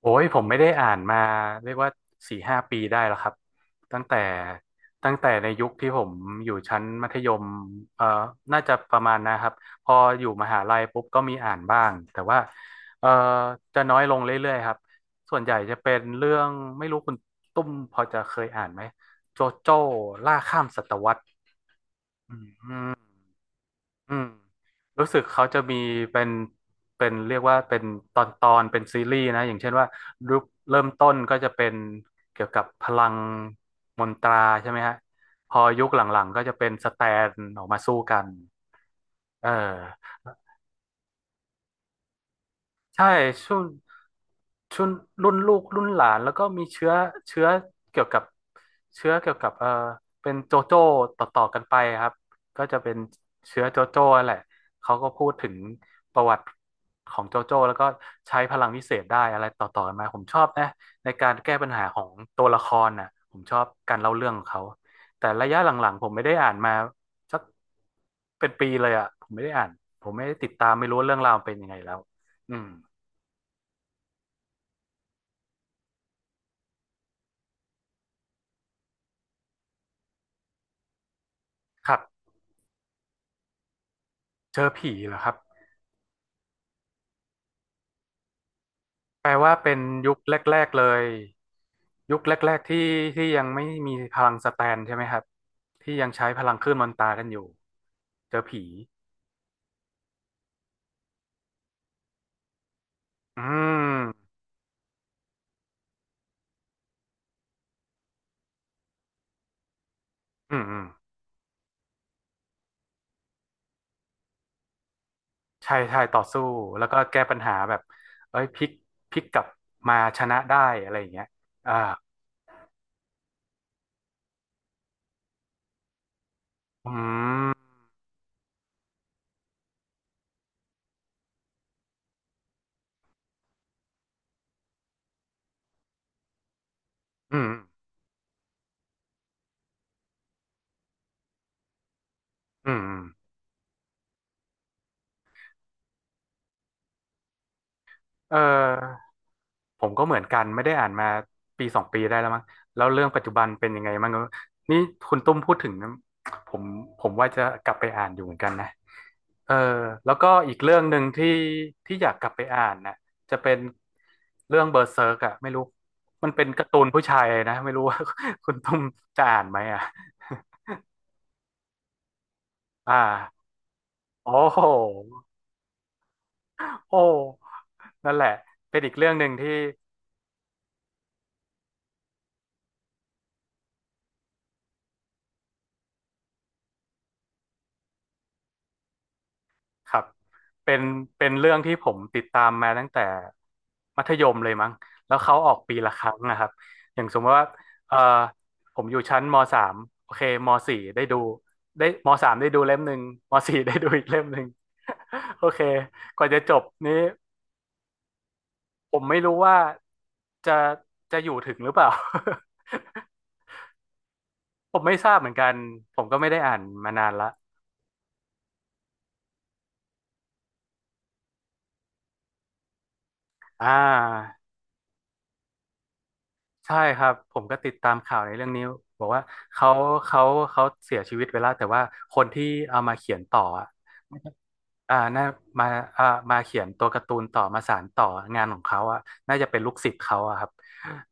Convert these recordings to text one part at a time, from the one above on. โอ้ยผมไม่ได้อ่านมาเรียกว่าสี่ห้าปีได้แล้วครับตั้งแต่ตั้งแต่ในยุคที่ผมอยู่ชั้นมัธยมเอ่อน่าจะประมาณนะครับพออยู่มหาลัยปุ๊บก็มีอ่านบ้างแต่ว่าเอ่อจะน้อยลงเรื่อยๆครับส่วนใหญ่จะเป็นเรื่องไม่รู้คุณตุ้มพอจะเคยอ่านไหมโจโจ้ล่าข้ามศตวรรษอืม อืมรู้สึกเขาจะมีเป็นเป็นเรียกว่าเป็นตอนเป็นซีรีส์นะอย่างเช่นว่ารูปเริ่มต้นก็จะเป็นเกี่ยวกับพลังมนตราใช่ไหมฮะพอยุคหลังๆก็จะเป็นสแตนออกมาสู้กันเออ ใช่ช่วงช่วงรุ่นลูกรุ่นหลานแล้วก็มีเชื้อเชื้อเกี่ยวกับเชื้อเกี่ยวกับเป็นโจโจ้ต่อกันไปครับก็จะเป็นเชื้อโจโจ้แหละเขาก็พูดถึงประวัติของโจโจ้แล้วก็ใช้พลังวิเศษได้อะไรต่อกันมาผมชอบนะในการแก้ปัญหาของตัวละครน่ะผมชอบการเล่าเรื่องของเขาแต่ระยะหลังๆผมไม่ได้อ่านมาสักเป็นปีเลยอ่ะผมไม่ได้อ่านผมไม่ได้ติดตามไม่รู้ว่าเรื่องราวมันเป็นยังไงแล้วอืม ครับเจอผีเหรอครับแปลว่าเป็นยุคแรกๆเลยยุคแรกๆที่ยังไม่มีพลังสแตนใช่ไหมครับที่ยังใช้พลังคลื่นมนตรากันอยู่เจอผีอืมอืมอืมใช่ใช่ต่อสู้แล้วก็แก้ปัญหาแบบเอ้ยพลิกกลับมาชนะได้อะไรอย่างเงี้ยอ่าอืมอืมอืมอืมเออ ผมก็เหมือนกันไม่ได้อ่านมาปีสองปีได้แล้วมั้งแล้วเรื่องปัจจุบันเป็นยังไงมั้งนี่คุณตุ้มพูดถึงนะผมผมว่าจะกลับไปอ่านอยู่เหมือนกันนะเออแล้วก็อีกเรื่องหนึ่งที่ที่อยากกลับไปอ่านนะจะเป็นเรื่องเบอร์เซิร์กอะไม่รู้มันเป็นการ์ตูนผู้ชายนะไม่รู้ว่า คุณตุ้มจะอ่านไหมอะ อ่าโอ้โหโอ้นั่นแหละเป็นอีกเรื่องหนึ่งที่ ครับเป็นเป็นเรื่องที่ผมติดตามมาตั้งแต่มัธยมเลยมั้งแล้วเขาออกปีละครั้งนะครับอย่างสมมติว่าเออผมอยู่ชั้นมสามโอเคมสี่ได้ดูได้มสามได้ดูเล่มหนึ่งมสี่ได้ดูอีกเล่มหนึ่ง โอเคกว่าจะจบนี้ผมไม่รู้ว่าจะจะอยู่ถึงหรือเปล่า ผมไม่ทราบเหมือนกันผมก็ไม่ได้อ่านมานานละอ่า ใช่ครับผมก็ติดตามข่าวในเรื่องนี้บอกว่าเขาเขาเขาเสียชีวิตไปแล้วแต่ว่าคนที่เอามาเขียนต่ออ่ะอ่าน่ามาอ่ามาเขียนตัวการ์ตูนต่อมาสานต่องานของเขาอ่ะน่าจะเป็นลูกศิษย์เขาอ่ะครับ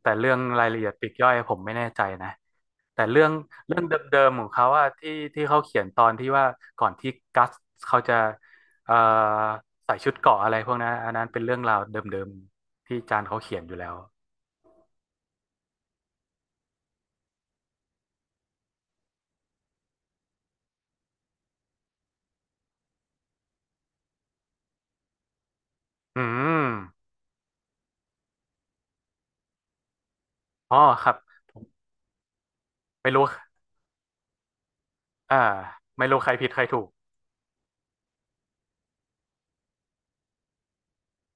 แต่เรื่องรายละเอียดปลีกย่อยผมไม่แน่ใจนะแต่เรื่องเรื่องเดิมๆของเขาอ่ะที่เขาเขียนตอนที่ว่าก่อนที่กัสเขาจะเอ่อใส่ชุดเกราะอะไรพวกนั้นอันนั้นเป็นเรื่องราวเดิมๆที่จานเขาเขียนอยู่แล้วอืม อ๋อครับไม่รู้อ่าไม่รู้ใครผิดใครถูก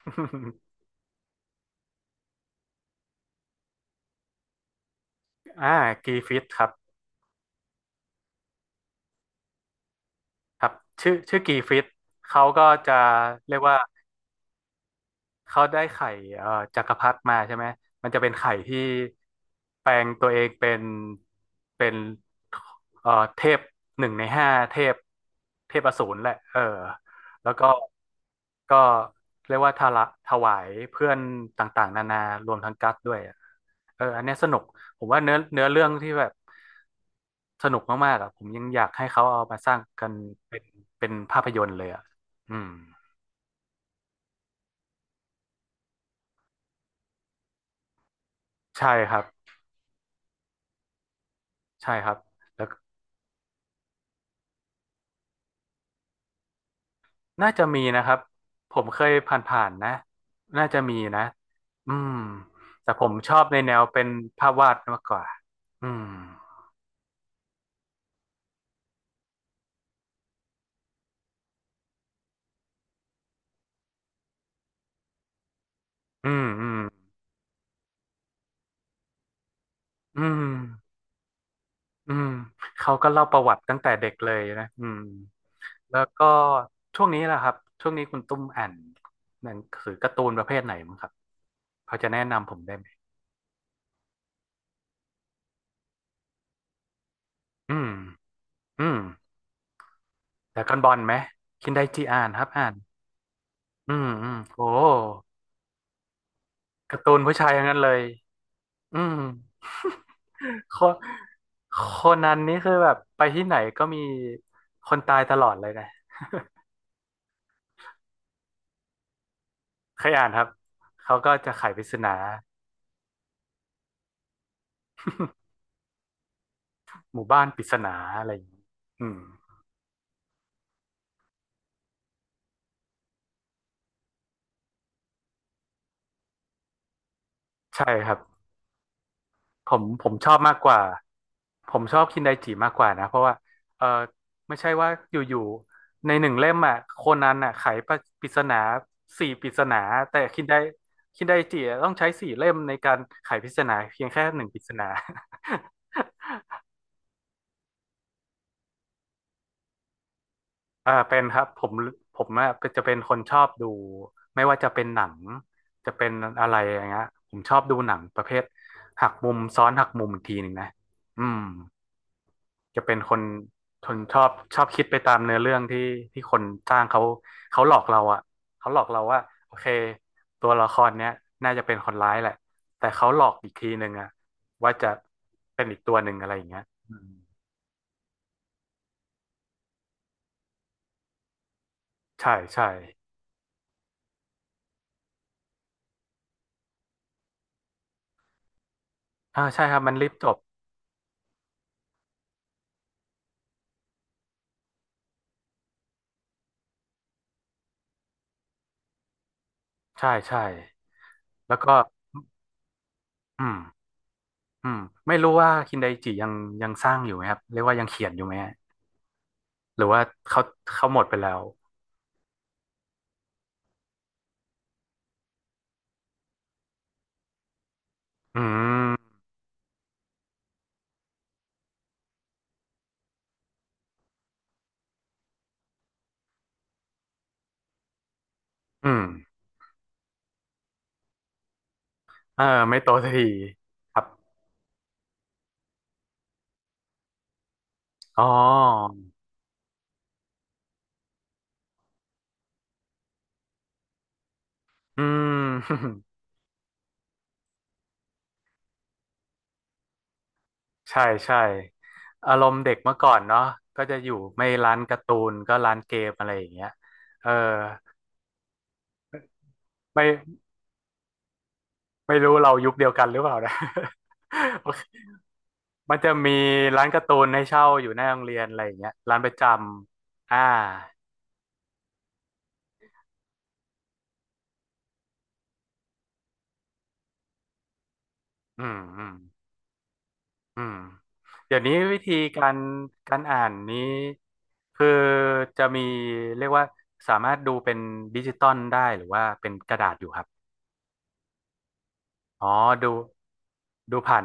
อ่ากีฟิตครับครับชื่อกีฟิตเขาก็จะเรียกว่า เขาได้ไข่เอ่อจักรพรรดิมาใช่ไหม มันจะเป็นไข่ที่แปลงตัวเองเป็นเป็นเทพหนึ่งในห้าเทพเทพอสูรแหละเออแล้วก็ก็เรียกว่าทาระถวายเพื่อนต่างๆนานารวมทั้งกัสด้วยอะเอออันเนี้ยสนุกผมว่าเนื้อเรื่องที่แบบสนุกมากๆอ่ะผมยังอยากให้เขาเอามาสร้างกันเป็นเป็นภาพยนตร์เลยอ่ะอืมใช่ครับใช่ครับแล้ว น่าจะมีนะครับผมเคยผ่านๆนะน่าจะมีนะอืมแต่ผมชอบในแนวเป็นภาพวาดมากกว่าอืมอืมอืมอืมอืมเขาก็เล่าประวัติตั้งแต่เด็กเลยนะอืมแล้วก็ช่วงนี้แหละครับช่วงนี้คุณตุ้มอ่านหนังสือการ์ตูนประเภทไหนมั้งครับพอจะแนะนำผมได้ไหมอืมอืมแต่กอนบอลไหมคินไดจิอ่านครับอ่านอืมอืมโอ้การ์ตูนผู้ชายทั้งนั้นเลยอืม โคนันนี่คือแบบไปที่ไหนก็มีคนตายตลอดเลยนะเคยอ่านครับเขาก็จะไขปริศนาหมู่บ้านปริศนาอะไรอย่างนี้อืมใช่ครับผมชอบมากกว่าผมชอบคินไดจิมากกว่านะเพราะว่าเออไม่ใช่ว่าอยู่ๆใน1 เล่มอ่ะโคนันอ่ะไขปริศนา4 ปริศนาแต่คินไดจิอะต้องใช้4 เล่มในการไขปริศนาเพียงแค่1 ปริศนา เออเป็นครับผมผมอะจะเป็นคนชอบดูไม่ว่าจะเป็นหนังจะเป็นอะไรอย่างเงี้ยผมชอบดูหนังประเภทหักมุมซ้อนหักมุมอีกทีหนึ่งนะอืมจะเป็นคนชอบคิดไปตามเนื้อเรื่องที่คนสร้างเขาเขาหลอกเราอะเขาหลอกเราว่าโอเคตัวละครเนี้ยน่าจะเป็นคนร้ายแหละแต่เขาหลอกอีกทีหนึ่งอะว่าจะเป็นอีกตัวหนึ่งอะไรอย่างเงี้ยอืมใช่ใช่อ่าใช่ครับมันรีบจบใช่ใช่แล้วก็ อืมอืมไม่รู้ว่าคินไดจิยังยังสร้างอยู่ไหมครับเรียกว่ายังเขียนอยู่ไหมฮะหรือว่าเขาเขาหมดไปแล้วอืมอืมเออไม่โตสักทีครับอ๋ออืม ใช่ใช่อารมณ์เด็กเมื่อก่อนเนาะก็จะอยู่ไม่ร้านการ์ตูนก็ร้านเกมอะไรอย่างเงี้ยเออไม่ไม่รู้เรายุคเดียวกันหรือเปล่านะ โอเคมันจะมีร้านการ์ตูนให้เช่าอยู่หน้าโรงเรียนอะไรอย่างเงี้ยร้านประจำอ่าอืมอืม อืมเดี๋ยวนี้วิธีการการอ่านนี้คือจะมีเรียกว่าสามารถดูเป็นดิจิตอลได้หรือว่าเป็นกระดาษอยู่ครับอ๋อดูดูผ่าน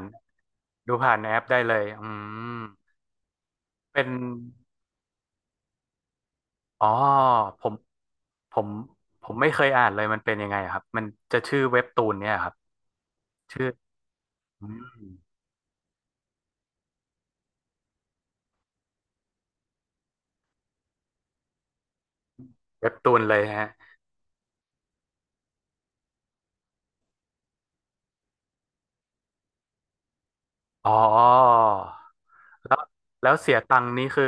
ดูผ่านแอปได้เลยอืมเป็นอ๋อผมผมผมไม่เคยอ่านเลยมันเป็นยังไงอะครับมันจะชื่อเว็บตูนเนี่ยครับชื่ออืมเว็บตูนเลยฮะอ๋อแล้วแล้วเสียตังค์นี้คือ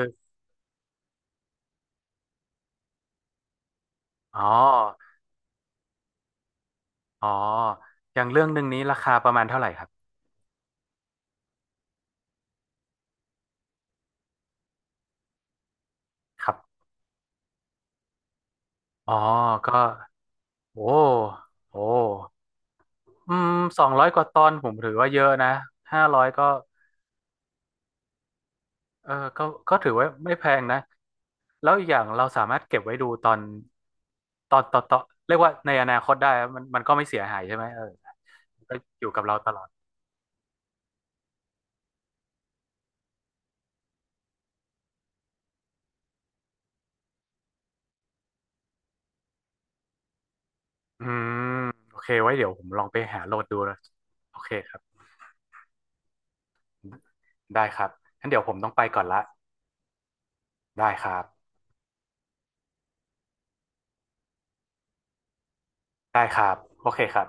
อ๋อ อ๋ออย่างเรื่องหนึ่งนี้ราคาประมาณเท่าไหร่ครับครับอ๋อก็โอ้โอ้อืม200 กว่าตอนผมถือว่าเยอะนะ500ก็เออก็ถือว่าไม่แพงนะแล้วอีกอย่างเราสามารถเก็บไว้ดูตอนต่อเรียกว่าในอนาคตได้อะมันก็ไม่เสียหายใช่ไหมเออก็อยู่กับเราตลอดอืมโอเคไว้เดี๋ยวผมลองไปหาโหลดดูนะโอเคครับได้ครับงั้นเดี๋ยวผมต้องไปก่อนละได้ครับได้ครับโอเคครับ